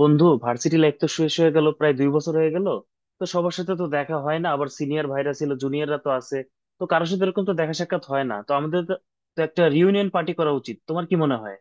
বন্ধু, varsity life তো শেষ হয়ে গেল, প্রায় 2 বছর হয়ে গেল। তো সবার সাথে তো দেখা হয় না, আবার সিনিয়র ভাইরা ছিল, জুনিয়ররা তো আছে। তো কারোর সাথে এরকম তো দেখা সাক্ষাৎ হয় না। তো আমাদের তো তো একটা রিউনিয়ন পার্টি করা উচিত, তোমার কি মনে হয়?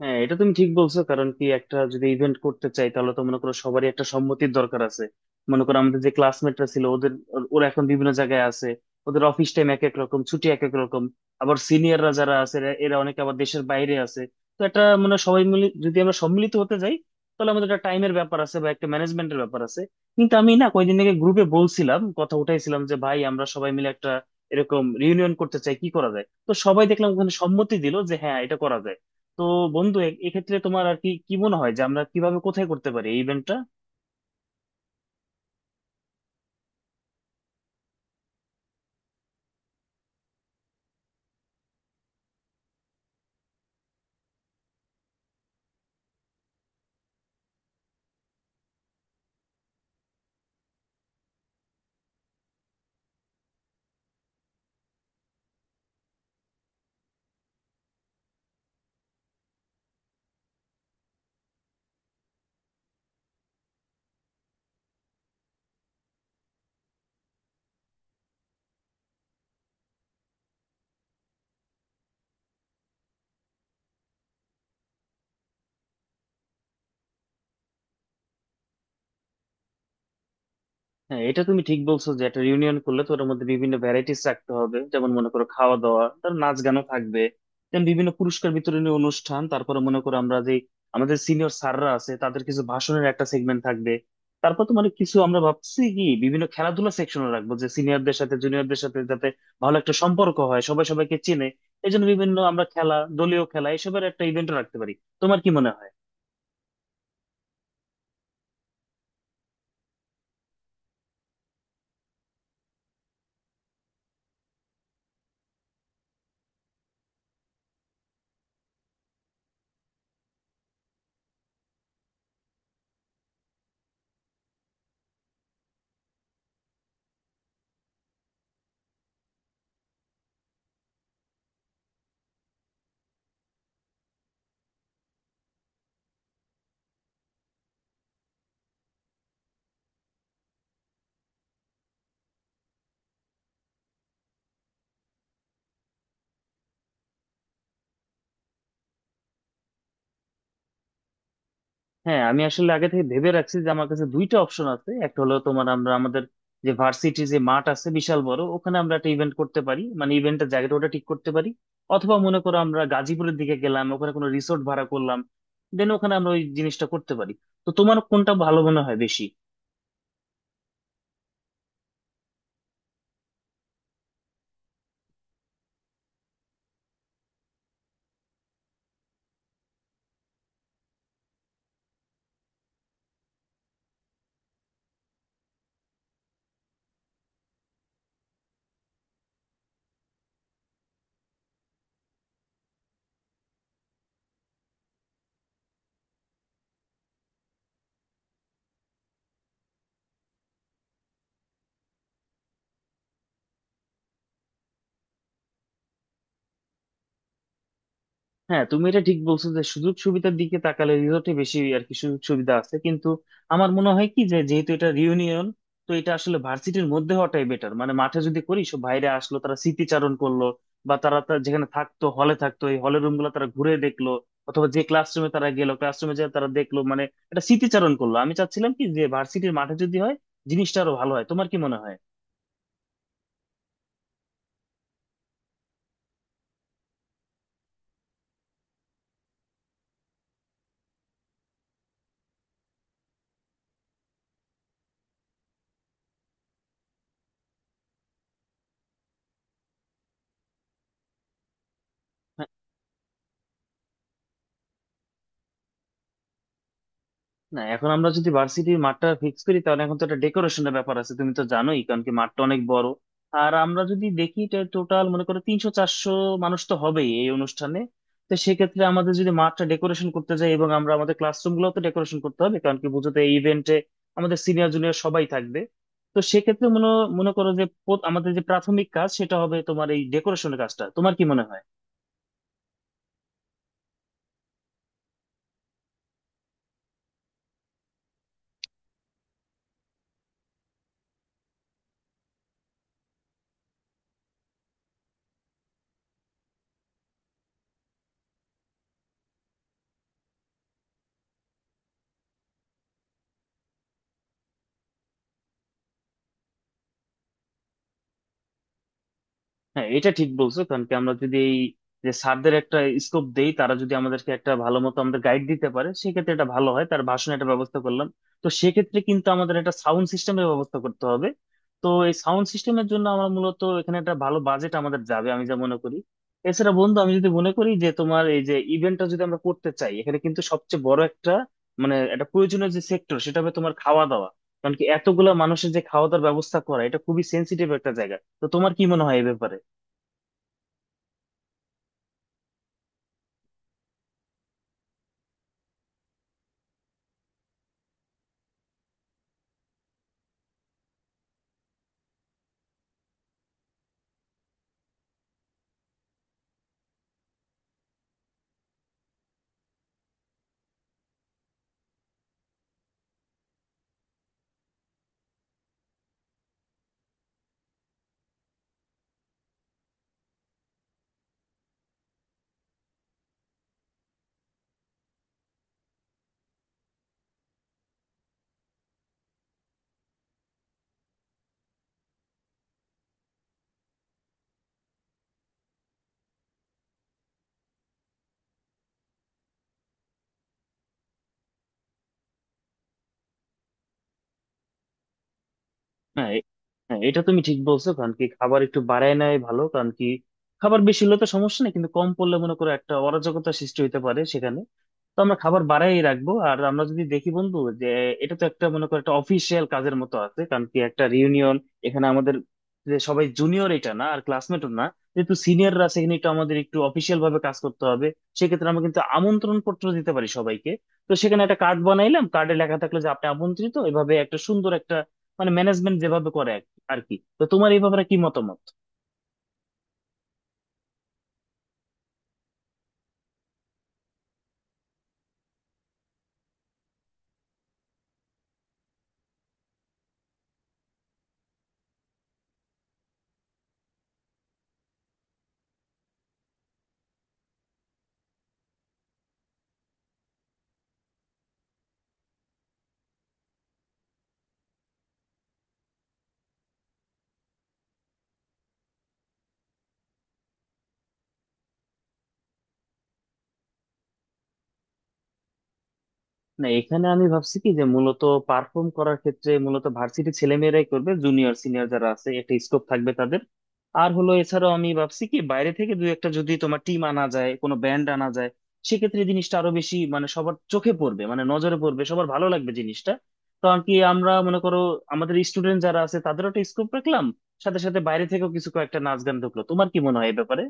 হ্যাঁ, এটা তুমি ঠিক বলছো, কারণ কি একটা যদি ইভেন্ট করতে চাই তাহলে তো মনে করো সবারই একটা সম্মতির দরকার আছে। মনে করো আমাদের যে ক্লাসমেটরা ছিল, ওরা এখন বিভিন্ন জায়গায় আছে। ওদের অফিস টাইম এক এক রকম, ছুটি এক এক রকম। আবার সিনিয়ররা যারা আছে, এরা এরা অনেকে আবার দেশের বাইরে আছে। তো এটা মানে সবাই মিলে যদি আমরা সম্মিলিত হতে যাই, তাহলে আমাদের একটা টাইমের ব্যাপার আছে বা একটা ম্যানেজমেন্টের ব্যাপার আছে। কিন্তু আমি না কয়েকদিন আগে গ্রুপে বলছিলাম, কথা উঠাইছিলাম যে ভাই আমরা সবাই মিলে একটা এরকম রিউনিয়ন করতে চাই, কি করা যায়। তো সবাই দেখলাম ওখানে সম্মতি দিল যে হ্যাঁ এটা করা যায়। তো বন্ধু, এক্ষেত্রে তোমার আর কি কি মনে হয় যে আমরা কিভাবে কোথায় করতে পারি এই ইভেন্টটা? হ্যাঁ, এটা তুমি ঠিক বলছো যে একটা রিউনিয়ন করলে তো ওটার মধ্যে বিভিন্ন ভ্যারাইটিস রাখতে হবে, যেমন মনে করো খাওয়া দাওয়া, তার নাচ গানও থাকবে, দেন বিভিন্ন পুরস্কার বিতরণী অনুষ্ঠান, তারপরে মনে করো আমরা যে আমাদের সিনিয়র স্যাররা আছে তাদের কিছু ভাষণের একটা সেগমেন্ট থাকবে। তারপর তো মানে কিছু আমরা ভাবছি কি বিভিন্ন খেলাধুলা সেকশনও রাখবো যে সিনিয়রদের সাথে জুনিয়রদের সাথে যাতে ভালো একটা সম্পর্ক হয়, সবাই সবাইকে চেনে। এই জন্য বিভিন্ন আমরা খেলা, দলীয় খেলা এসবের একটা ইভেন্টও রাখতে পারি। তোমার কি মনে হয়? হ্যাঁ, আমি আসলে আগে থেকে ভেবে রাখছি যে আমার কাছে দুইটা অপশন আছে। একটা হলো তোমার আমরা আমাদের যে ভার্সিটি যে মাঠ আছে বিশাল বড়, ওখানে আমরা একটা ইভেন্ট করতে পারি, মানে ইভেন্টের জায়গাটা ওটা ঠিক করতে পারি। অথবা মনে করো আমরা গাজীপুরের দিকে গেলাম, ওখানে কোনো রিসোর্ট ভাড়া করলাম, দেন ওখানে আমরা ওই জিনিসটা করতে পারি। তো তোমার কোনটা ভালো মনে হয় বেশি? হ্যাঁ, তুমি এটা ঠিক বলছো যে সুযোগ সুবিধার দিকে তাকালে রিসোর্টে বেশি আর কি সুযোগ সুবিধা আছে, কিন্তু আমার মনে হয় কি যে যেহেতু এটা রিউনিয়ন, তো এটা আসলে ভার্সিটির মধ্যে হওয়াটাই বেটার। মানে মাঠে যদি করি সব বাইরে আসলো, তারা স্মৃতিচারণ করলো, বা যেখানে থাকতো হলে থাকতো এই হলের রুম গুলো তারা ঘুরে দেখলো, অথবা যে ক্লাসরুমে তারা গেলো, ক্লাসরুমে যে তারা দেখলো মানে এটা স্মৃতিচারণ করলো। আমি চাচ্ছিলাম কি যে ভার্সিটির মাঠে যদি হয় জিনিসটা আরো ভালো হয়, তোমার কি মনে হয়? না, এখন আমরা যদি ভার্সিটির মাঠটা ফিক্স করি তাহলে এখন তো একটা ডেকোরেশনের ব্যাপার আছে, তুমি তো জানোই, কারণ কি মাঠটা অনেক বড়। আর আমরা যদি দেখি টোটাল মনে করো 300-400 মানুষ তো হবেই এই অনুষ্ঠানে। তো সেক্ষেত্রে আমাদের যদি মাঠটা ডেকোরেশন করতে যাই, এবং আমরা আমাদের ক্লাসরুম গুলো তো ডেকোরেশন করতে হবে, কারণ কি বুঝো তো এই ইভেন্টে আমাদের সিনিয়র জুনিয়র সবাই থাকবে। তো সেক্ষেত্রে মনে মনে করো যে আমাদের যে প্রাথমিক কাজ সেটা হবে তোমার এই ডেকোরেশনের কাজটা, তোমার কি মনে হয়? হ্যাঁ, এটা ঠিক বলছো, কারণ কি আমরা যদি এই যে স্যারদের একটা স্কোপ দেই, তারা যদি আমাদেরকে একটা ভালো মতো আমাদের গাইড দিতে পারে সেক্ষেত্রে এটা ভালো হয়, তার ভাষণে একটা ব্যবস্থা করলাম। তো সেক্ষেত্রে কিন্তু আমাদের একটা সাউন্ড সিস্টেমের ব্যবস্থা করতে হবে। তো এই সাউন্ড সিস্টেমের জন্য আমরা মূলত এখানে একটা ভালো বাজেট আমাদের যাবে আমি যা মনে করি। এছাড়া বন্ধু, আমি যদি মনে করি যে তোমার এই যে ইভেন্টটা যদি আমরা করতে চাই, এখানে কিন্তু সবচেয়ে বড় একটা মানে একটা প্রয়োজনীয় যে সেক্টর সেটা হবে তোমার খাওয়া দাওয়া। কারণ কি এতগুলা মানুষের যে খাওয়া দাওয়ার ব্যবস্থা করা এটা খুবই সেন্সিটিভ একটা জায়গা। তো তোমার কি মনে হয় এই ব্যাপারে? হ্যাঁ এ- হ্যাঁ, এটা তুমি ঠিক বলছো, কারণ কি খাবার একটু বাড়ায় নেয় ভালো, কারণ কি খাবার বেশি হলে তো সমস্যা নেই কিন্তু কম পড়লে মনে করো একটা অরাজকতা সৃষ্টি হতে পারে সেখানে। তো আমরা খাবার বাড়াই রাখবো। আর আমরা যদি দেখি বন্ধু যে এটা তো একটা মনে করো একটা অফিসিয়াল কাজের মতো আছে, কারণ কি একটা রিউনিয়ন, এখানে আমাদের যে সবাই জুনিয়র এটা না, আর ক্লাসমেটও না, যেহেতু সিনিয়ররা আছে এখানে একটু আমাদের একটু অফিসিয়াল ভাবে কাজ করতে হবে। সেক্ষেত্রে আমরা কিন্তু আমন্ত্রণ পত্র দিতে পারি সবাইকে। তো সেখানে একটা কার্ড বানাইলাম, কার্ডে লেখা থাকলো যে আপনি আমন্ত্রিত, এভাবে একটা সুন্দর মানে ম্যানেজমেন্ট যেভাবে করে আর কি। তো তোমার এই ব্যাপারে কি মতামত? না, এখানে আমি ভাবছি কি যে মূলত পারফর্ম করার ক্ষেত্রে মূলত ভার্সিটি ছেলেমেয়েরাই করবে, জুনিয়র সিনিয়র যারা আছে একটা স্কোপ থাকবে তাদের। আর হলো এছাড়াও আমি ভাবছি কি বাইরে থেকে দুই একটা যদি তোমার টিম আনা যায়, কোনো ব্যান্ড আনা যায়, সেক্ষেত্রে জিনিসটা আরো বেশি মানে সবার চোখে পড়বে, মানে নজরে পড়বে, সবার ভালো লাগবে জিনিসটা। কারণ কি আমরা মনে করো আমাদের স্টুডেন্ট যারা আছে তাদেরও একটা স্কোপ রাখলাম, সাথে সাথে বাইরে থেকেও কিছু কয়েকটা নাচ গান ঢুকলো, তোমার কি মনে হয় এই ব্যাপারে?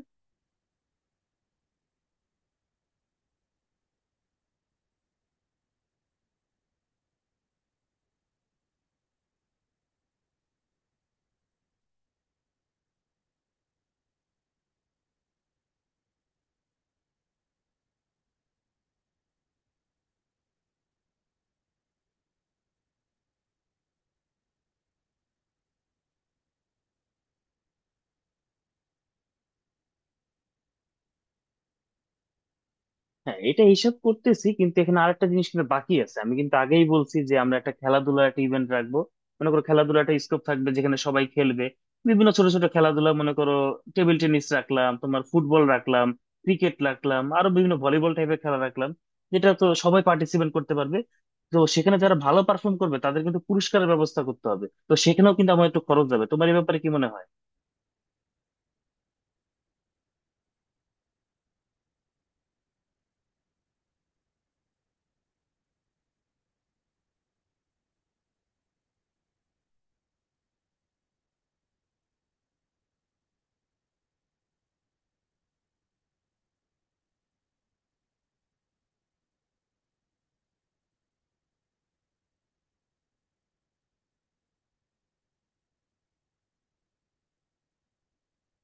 হ্যাঁ, এটা হিসাব করতেছি, কিন্তু এখানে আরেকটা জিনিস কিন্তু বাকি আছে, আমি কিন্তু আগেই বলছি যে আমরা একটা খেলাধুলার একটা ইভেন্ট রাখবো। মনে করো খেলাধুলার একটা স্কোপ থাকবে যেখানে সবাই খেলবে বিভিন্ন ছোট ছোট খেলাধুলা, মনে করো টেবিল টেনিস রাখলাম তোমার, ফুটবল রাখলাম, ক্রিকেট রাখলাম, আরো বিভিন্ন ভলিবল টাইপের খেলা রাখলাম, যেটা তো সবাই পার্টিসিপেট করতে পারবে। তো সেখানে যারা ভালো পারফর্ম করবে তাদের কিন্তু পুরস্কারের ব্যবস্থা করতে হবে, তো সেখানেও কিন্তু আমার একটু খরচ যাবে, তোমার এই ব্যাপারে কি মনে হয়?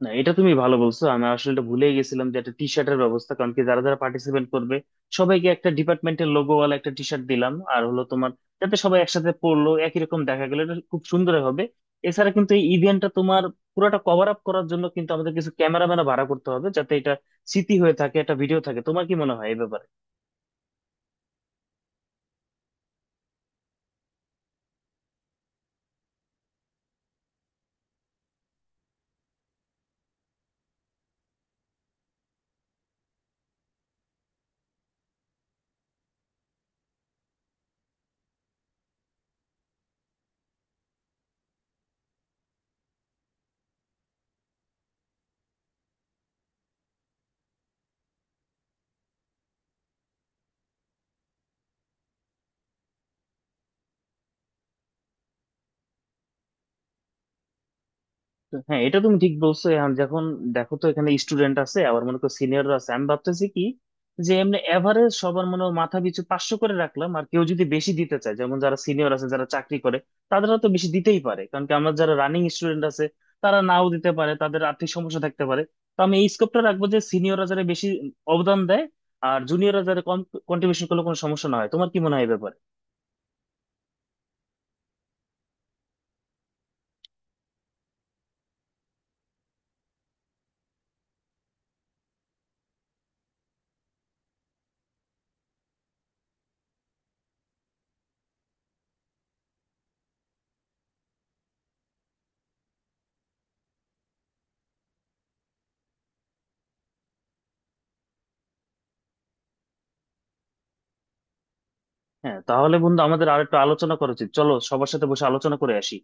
না, এটা তুমি ভালো বলছো, আমি আসলে এটা ভুলেই গেছিলাম যে একটা টি শার্টের ব্যবস্থা, কারণ কি যারা যারা পার্টিসিপেট করবে সবাইকে একটা ডিপার্টমেন্টের লোগোওয়ালা একটা টি শার্ট দিলাম আর হলো তোমার, যাতে সবাই একসাথে পরলো, একই রকম দেখা গেলো, এটা খুব সুন্দর হবে। এছাড়া কিন্তু এই ইভেন্টটা তোমার পুরোটা কভার আপ করার জন্য কিন্তু আমাদের কিছু ক্যামেরাম্যানও ভাড়া করতে হবে, যাতে এটা স্মৃতি হয়ে থাকে, একটা ভিডিও থাকে, তোমার কি মনে হয় এই ব্যাপারে? তো হ্যাঁ, এটা তুমি ঠিক বলছো, এখন যখন দেখো তো এখানে স্টুডেন্ট আছে, আবার মনে করো সিনিয়ররা আছে। আমি ভাবতেছি কি যে এমনি এভারেজ সবার মনে হয় মাথা পিছু 500 করে রাখলাম, আর কেউ যদি বেশি দিতে চায় যেমন যারা সিনিয়র আছে যারা চাকরি করে, তাদেরও তো বেশি দিতেই পারে, কারণ কি আমরা যারা রানিং স্টুডেন্ট আছে, তারা নাও দিতে পারে, তাদের আর্থিক সমস্যা থাকতে পারে। তো আমি এই স্কোপটা রাখবো যে সিনিয়ররা যারা বেশি অবদান দেয় আর জুনিয়ররা যারা কম কন্ট্রিবিউশন করলে কোনো সমস্যা না হয়, তোমার কি মনে হয় এ ব্যাপারে? হ্যাঁ, তাহলে বন্ধু আমাদের আর একটু আলোচনা করা উচিত, চলো সবার সাথে বসে আলোচনা করে আসি।